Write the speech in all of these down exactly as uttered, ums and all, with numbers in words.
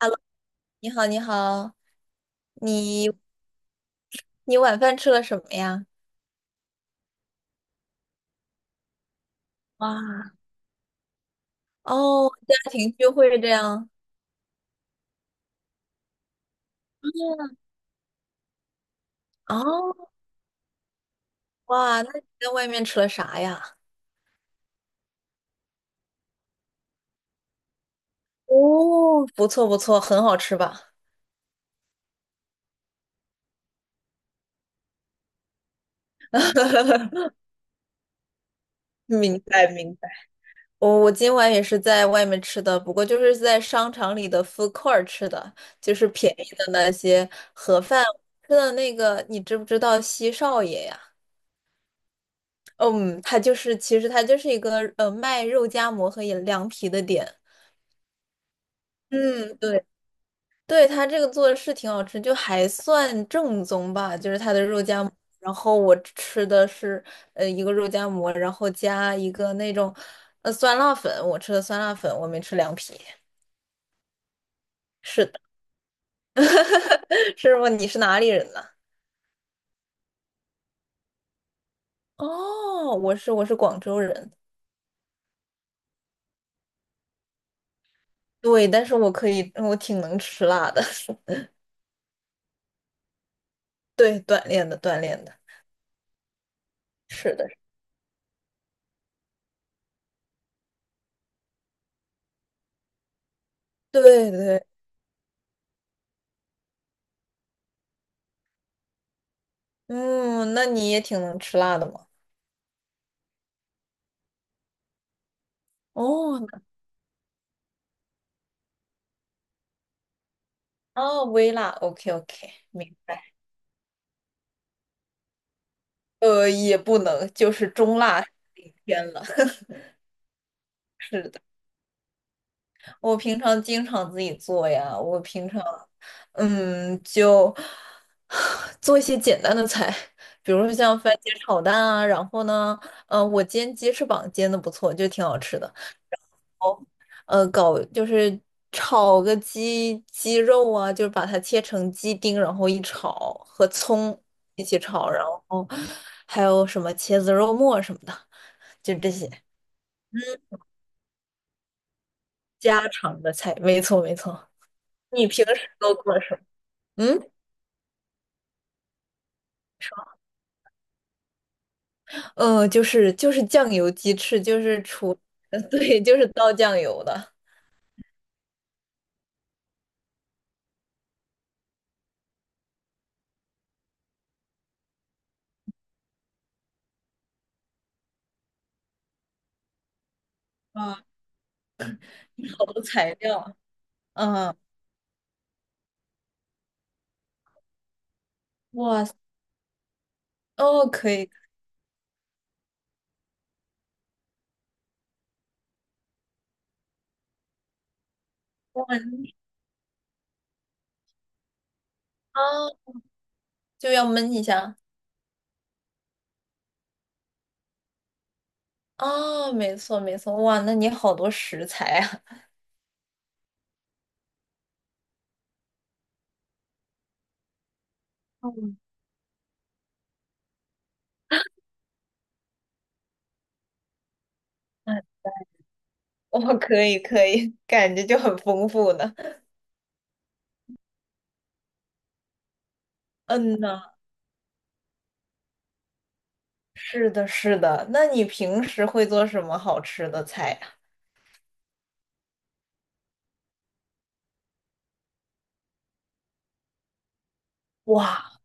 Hello，你好，你好，你你晚饭吃了什么呀？哇，哦，家庭聚会这样。嗯，哦，哇，那你在外面吃了啥呀？哦，不错不错，很好吃吧？明白明白。我我今晚也是在外面吃的，不过就是在商场里的 food court 吃的，就是便宜的那些盒饭。吃的那个，你知不知道西少爷呀？嗯，他就是，其实他就是一个呃卖肉夹馍和饮凉皮的店。嗯，对，对，他这个做的是挺好吃，就还算正宗吧，就是他的肉夹馍。然后我吃的是呃一个肉夹馍，然后加一个那种呃酸辣粉，我吃的酸辣粉，我没吃凉皮。是的，师傅，你是哪里人呢？哦，我是我是广州人，对，但是我可以，我挺能吃辣的，对，锻炼的锻炼的，是的，对对，嗯，那你也挺能吃辣的嘛。哦，哦，微辣，OK OK，明白。呃，也不能，就是中辣顶天了。是的，我平常经常自己做呀，我平常，嗯，就 做一些简单的菜，比如说像番茄炒蛋啊，然后呢，呃，我煎鸡翅膀煎的不错，就挺好吃的。呃，搞就是炒个鸡鸡肉啊，就是把它切成鸡丁，然后一炒，和葱一起炒，然后还有什么茄子肉末什么的，就这些。嗯，家常的菜，没错没错。你平时都做什么？嗯，呃，就是就是酱油鸡翅，就是除，呃对，就是倒酱油的。啊，好多材料。嗯，哇塞哦，可以，哇，你啊，就要焖一下。哦，没错没错，哇，那你好多食材啊！嗯，哎哇，我可以可以，感觉就很丰富呢。嗯呐，是的，是的。那你平时会做什么好吃的菜呀？哇，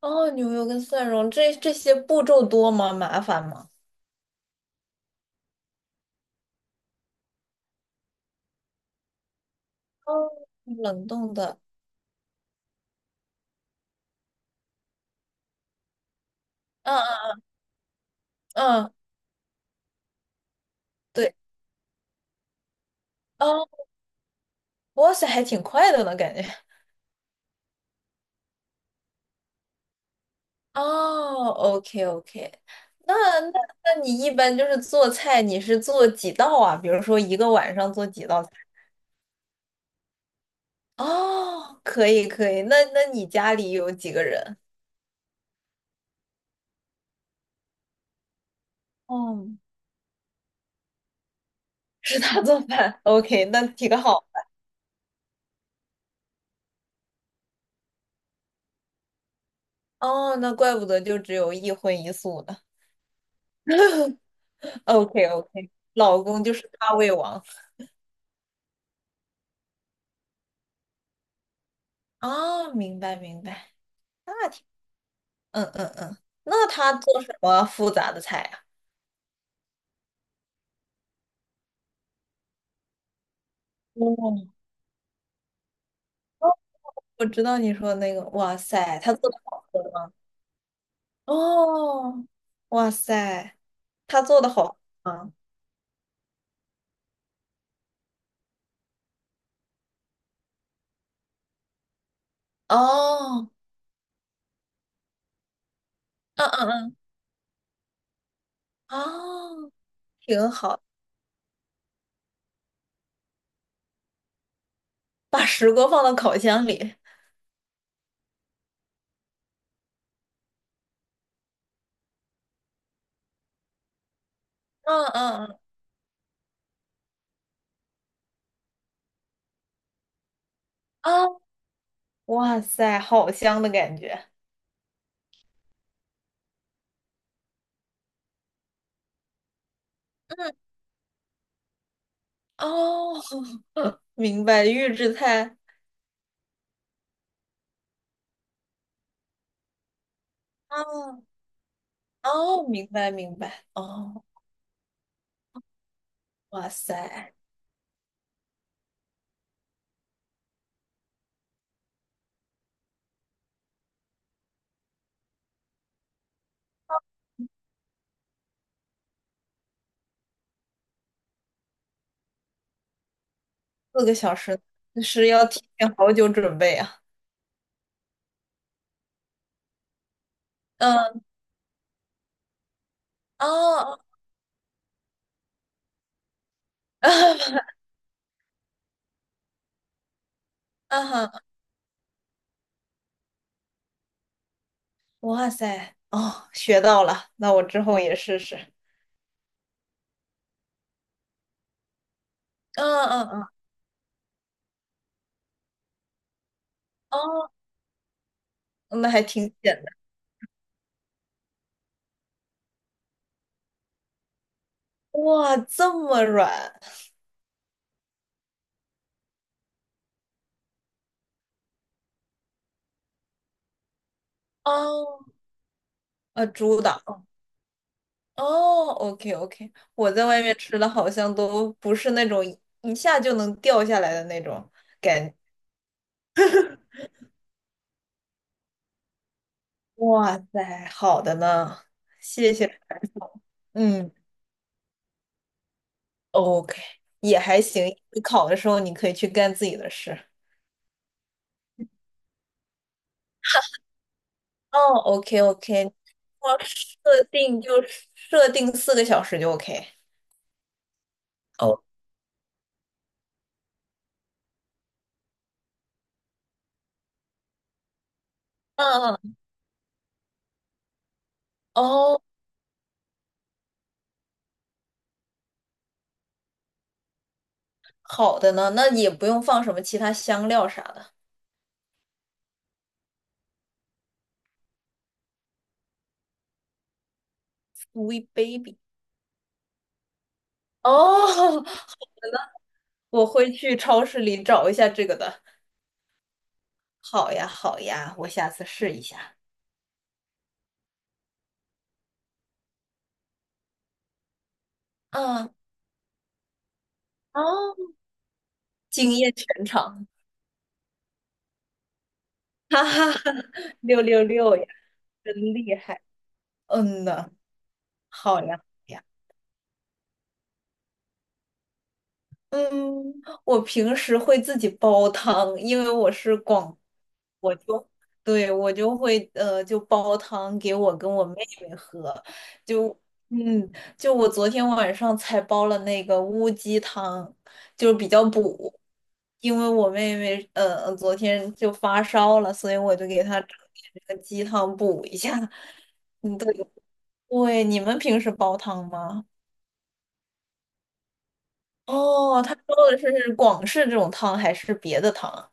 哦，牛油跟蒜蓉，这这些步骤多吗？麻烦吗？哦，冷冻的，嗯嗯嗯，对，哦，哇塞，还挺快的呢，感觉。哦，OK OK，那那那你一般就是做菜，你是做几道啊？比如说一个晚上做几道菜？哦，可以可以，那那你家里有几个人？哦，是他做饭，OK，那挺好。哦，那怪不得就只有一荤一素呢。OK OK，老公就是大胃王。哦，明白明白，那挺，嗯嗯嗯，那他做什么复杂的菜啊？哦我知道你说的那个，哇塞，他做的好喝吗？哦，哇塞，他做的好喝吗？哦，嗯嗯嗯，哦，挺好，把石锅放到烤箱里，嗯嗯嗯，哦，哇塞，好香的感觉，嗯，哦，明白，预制菜，哦哦，明白明白，哦，哇塞，四个小时，是要提前好久准备啊，嗯，哦，啊哈。哇塞，哦，学到了，那我之后也试试。嗯嗯嗯，哦，那还挺简单。哇，这么软哦，呃，猪掌哦，OK OK，我在外面吃的好像都不是那种一一下就能掉下来的那种感觉哇塞，好的呢，谢谢传授。嗯，OK，也还行。你考的时候你可以去干自己的事。哦，OK OK，我设定就设定四个小时就 OK。哦，嗯嗯哦，好的呢，那也不用放什么其他香料啥的。w e baby。哦，我会去超市里找一下这个的。好呀，好呀，我下次试一下。嗯，哦，惊艳全场，哈哈哈，六六六呀，真厉害。嗯呐，好呀，好呀。嗯，我平时会自己煲汤，因为我是广我就对我就会呃，就煲汤给我跟我妹妹喝，就嗯，就我昨天晚上才煲了那个乌鸡汤，就是比较补，因为我妹妹呃昨天就发烧了，所以我就给她整点这个鸡汤补一下。嗯，对对，你们平时煲汤吗？哦，他煲的是广式这种汤还是别的汤啊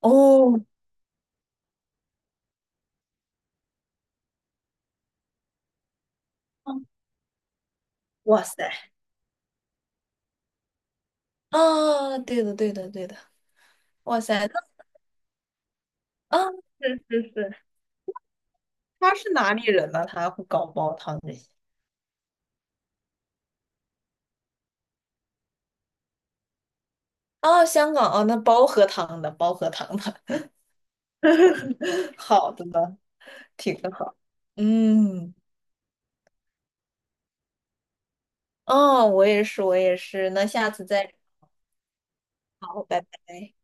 哦，哇塞！啊，对的，对的，对的。哇塞，那啊，是是是，他是哪里人呢？他会搞煲汤这些。哦，香港哦，那煲喝汤的，煲喝汤的，好的呢，挺好。嗯，哦，我也是，我也是，那下次再聊，拜拜。